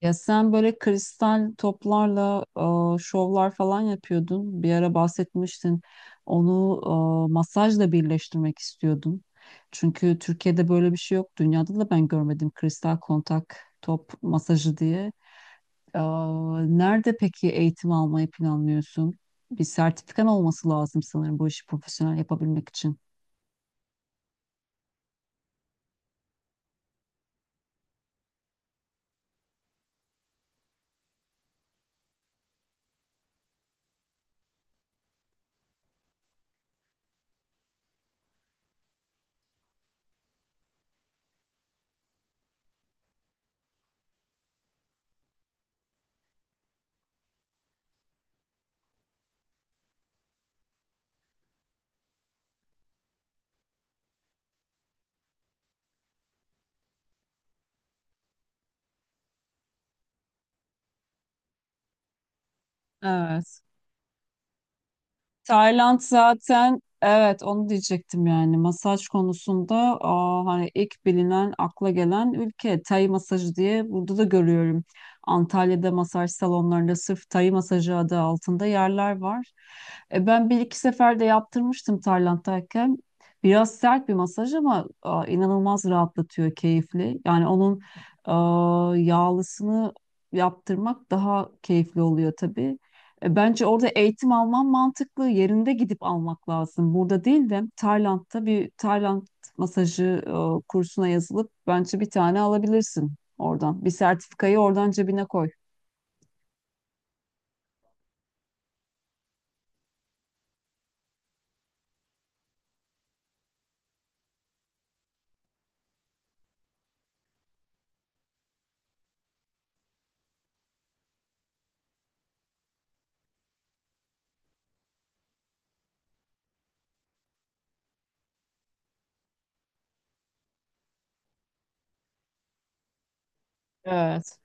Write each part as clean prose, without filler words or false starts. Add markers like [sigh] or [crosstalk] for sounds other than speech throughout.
Ya sen böyle kristal toplarla şovlar falan yapıyordun. Bir ara bahsetmiştin. Onu masajla birleştirmek istiyordun. Çünkü Türkiye'de böyle bir şey yok. Dünyada da ben görmedim kristal kontak top masajı diye. E, Nerede peki eğitim almayı planlıyorsun? Bir sertifikan olması lazım sanırım bu işi profesyonel yapabilmek için. Evet. Tayland zaten, evet, onu diyecektim yani masaj konusunda, hani ilk bilinen akla gelen ülke Tay masajı diye, burada da görüyorum. Antalya'da masaj salonlarında sırf Tay masajı adı altında yerler var. Ben bir iki sefer de yaptırmıştım Tayland'dayken. Biraz sert bir masaj ama inanılmaz rahatlatıyor, keyifli. Yani onun yağlısını yaptırmak daha keyifli oluyor tabii. Bence orada eğitim alman mantıklı. Yerinde gidip almak lazım. Burada değil de Tayland'da bir Tayland masajı kursuna yazılıp bence bir tane alabilirsin oradan. Bir sertifikayı oradan cebine koy. Evet.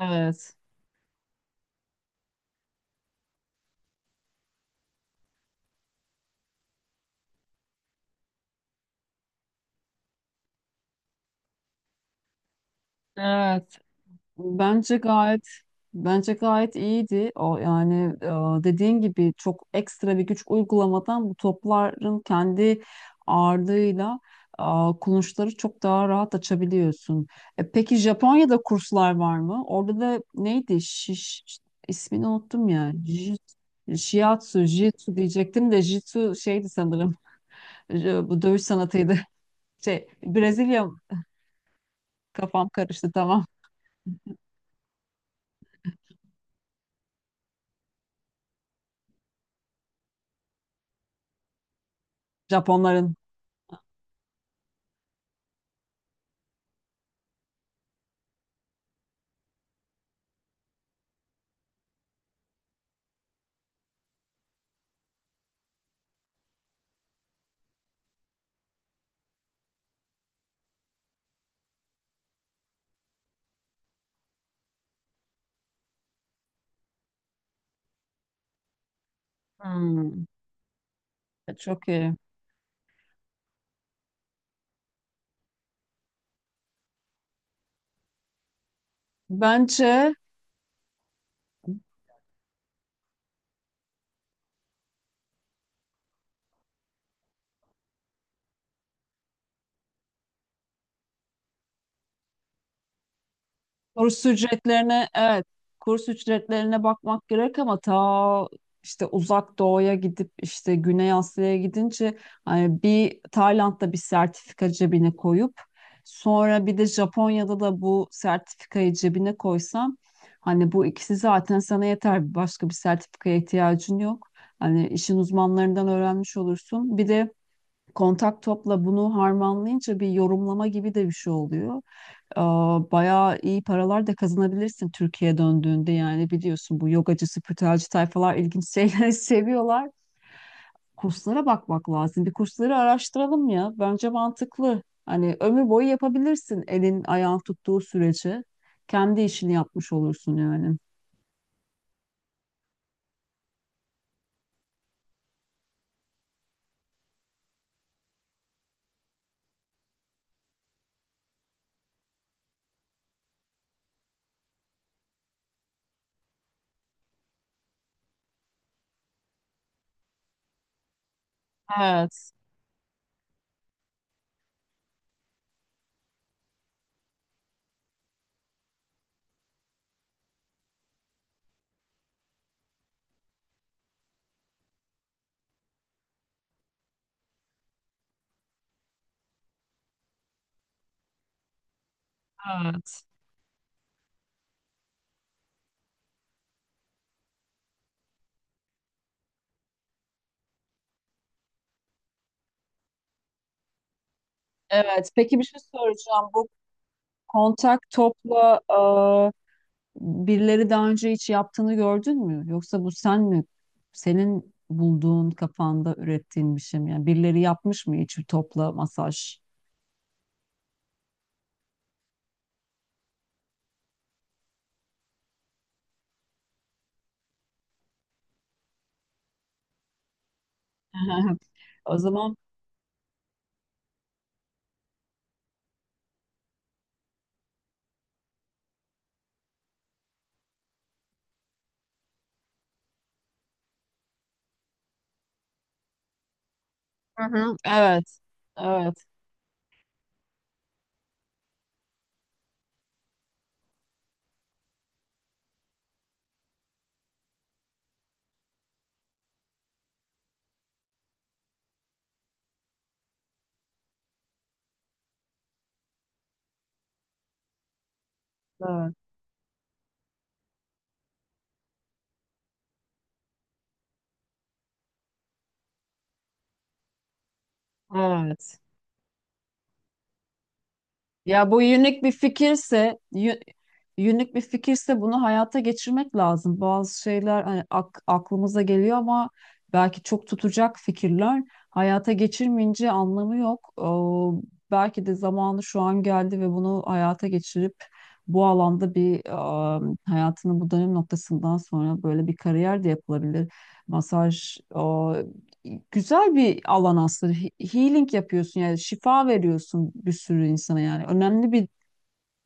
Evet. Evet. Bence gayet bence gayet iyiydi. O yani dediğin gibi çok ekstra bir güç uygulamadan bu topların kendi ağırlığıyla e, kulunçları çok daha rahat açabiliyorsun. Peki Japonya'da kurslar var mı? Orada da neydi? Şiş, ismini unuttum ya. Jit, Shiatsu, Jitsu diyecektim de Jitsu şeydi sanırım. [laughs] Bu dövüş sanatıydı. Şey, Brezilya kafam karıştı, tamam. Japonların. Hmm, çok iyi. Bence kurs ücretlerine, evet, kurs ücretlerine bakmak gerek ama ta işte uzak doğuya gidip, işte Güney Asya'ya gidince, hani bir Tayland'da bir sertifika cebine koyup sonra bir de Japonya'da da bu sertifikayı cebine koysam, hani bu ikisi zaten sana yeter, başka bir sertifikaya ihtiyacın yok. Hani işin uzmanlarından öğrenmiş olursun. Bir de kontak topla bunu harmanlayınca bir yorumlama gibi de bir şey oluyor. Ee, Bayağı iyi paralar da kazanabilirsin Türkiye'ye döndüğünde. Yani biliyorsun bu yogacı, spiritüelci tayfalar ilginç şeyleri [laughs] seviyorlar. Kurslara bakmak lazım. Bir kursları araştıralım ya. Bence mantıklı. Hani ömür boyu yapabilirsin elin ayağın tuttuğu sürece. Kendi işini yapmış olursun yani. Evet, evet, evet. Peki bir şey soracağım. Bu kontak topla birileri daha önce hiç yaptığını gördün mü? Yoksa bu sen mi? Senin bulduğun, kafanda ürettiğin bir şey mi? Yani birileri yapmış mı hiç topla masaj? [laughs] O zaman. Hı hı, evet, evet, evet, evet. Ya bu unik bir fikirse, yünlük bir fikirse bunu hayata geçirmek lazım. Bazı şeyler hani aklımıza geliyor ama belki çok tutacak fikirler. Hayata geçirmeyince anlamı yok. Belki de zamanı şu an geldi ve bunu hayata geçirip bu alanda bir, hayatının bu dönüm noktasından sonra böyle bir kariyer de yapılabilir. Masaj güzel bir alan aslında. Healing yapıyorsun, yani şifa veriyorsun bir sürü insana yani. Önemli bir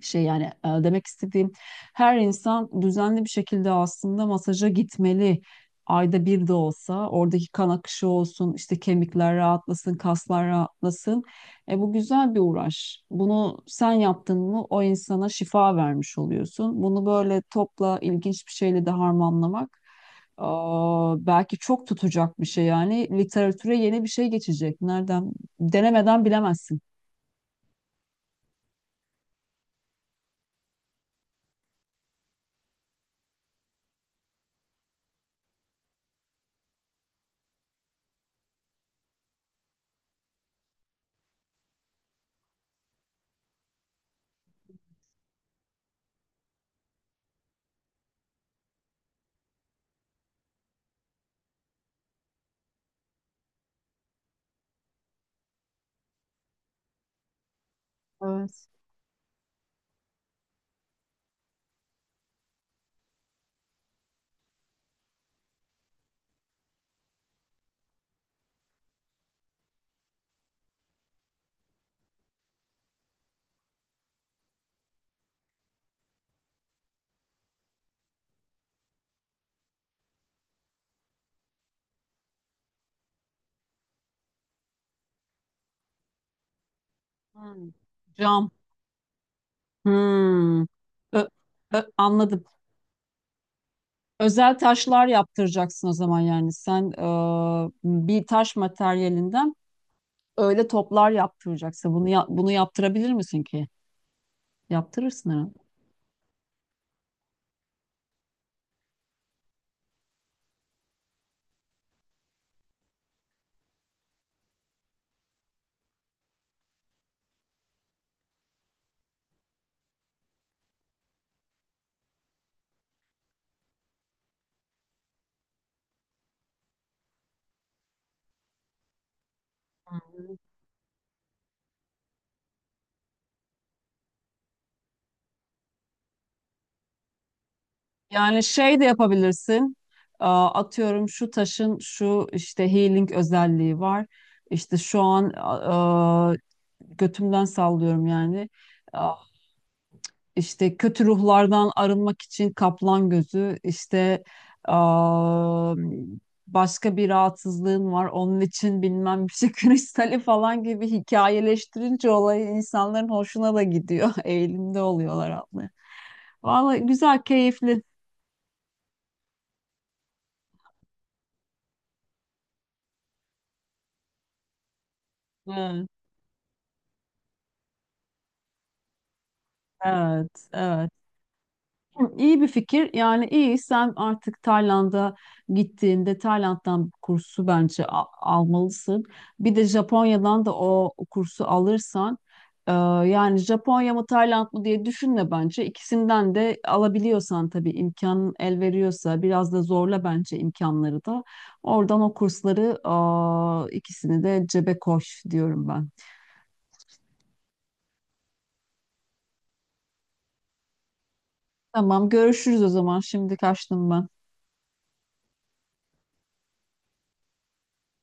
şey yani, demek istediğim her insan düzenli bir şekilde aslında masaja gitmeli. Ayda bir de olsa oradaki kan akışı olsun, işte kemikler rahatlasın, kaslar rahatlasın. E, bu güzel bir uğraş. Bunu sen yaptın mı, o insana şifa vermiş oluyorsun. Bunu böyle topla ilginç bir şeyle de harmanlamak, belki çok tutacak bir şey yani. Literatüre yeni bir şey geçecek. Nereden? Denemeden bilemezsin. Evet. Hmm. Cam. Hmm. Ö- Anladım. Özel taşlar yaptıracaksın o zaman yani. Sen bir taş materyalinden öyle toplar yaptıracaksın. Bunu yaptırabilir misin ki? Yaptırırsın herhalde. Yani şey de yapabilirsin. Atıyorum şu taşın şu işte healing özelliği var. İşte şu an, götümden sallıyorum yani. İşte kötü ruhlardan arınmak için kaplan gözü, işte aa, başka bir rahatsızlığın var, onun için bilmem bir şey [laughs] kristali falan gibi hikayeleştirince olayı, insanların hoşuna da gidiyor. [laughs] Eğilimde oluyorlar aslında. Vallahi güzel, keyifli. Evet, evet, evet. Hı, İyi bir fikir. Yani iyi, sen artık Tayland'a gittiğinde Tayland'dan kursu bence almalısın. Bir de Japonya'dan da o kursu alırsan, e, yani Japonya mı Tayland mı diye düşünme bence. İkisinden de alabiliyorsan, tabii imkan el veriyorsa, biraz da zorla bence imkanları da. Oradan o kursları ikisini de cebe koş diyorum ben. Tamam, görüşürüz o zaman. Şimdi kaçtım ben.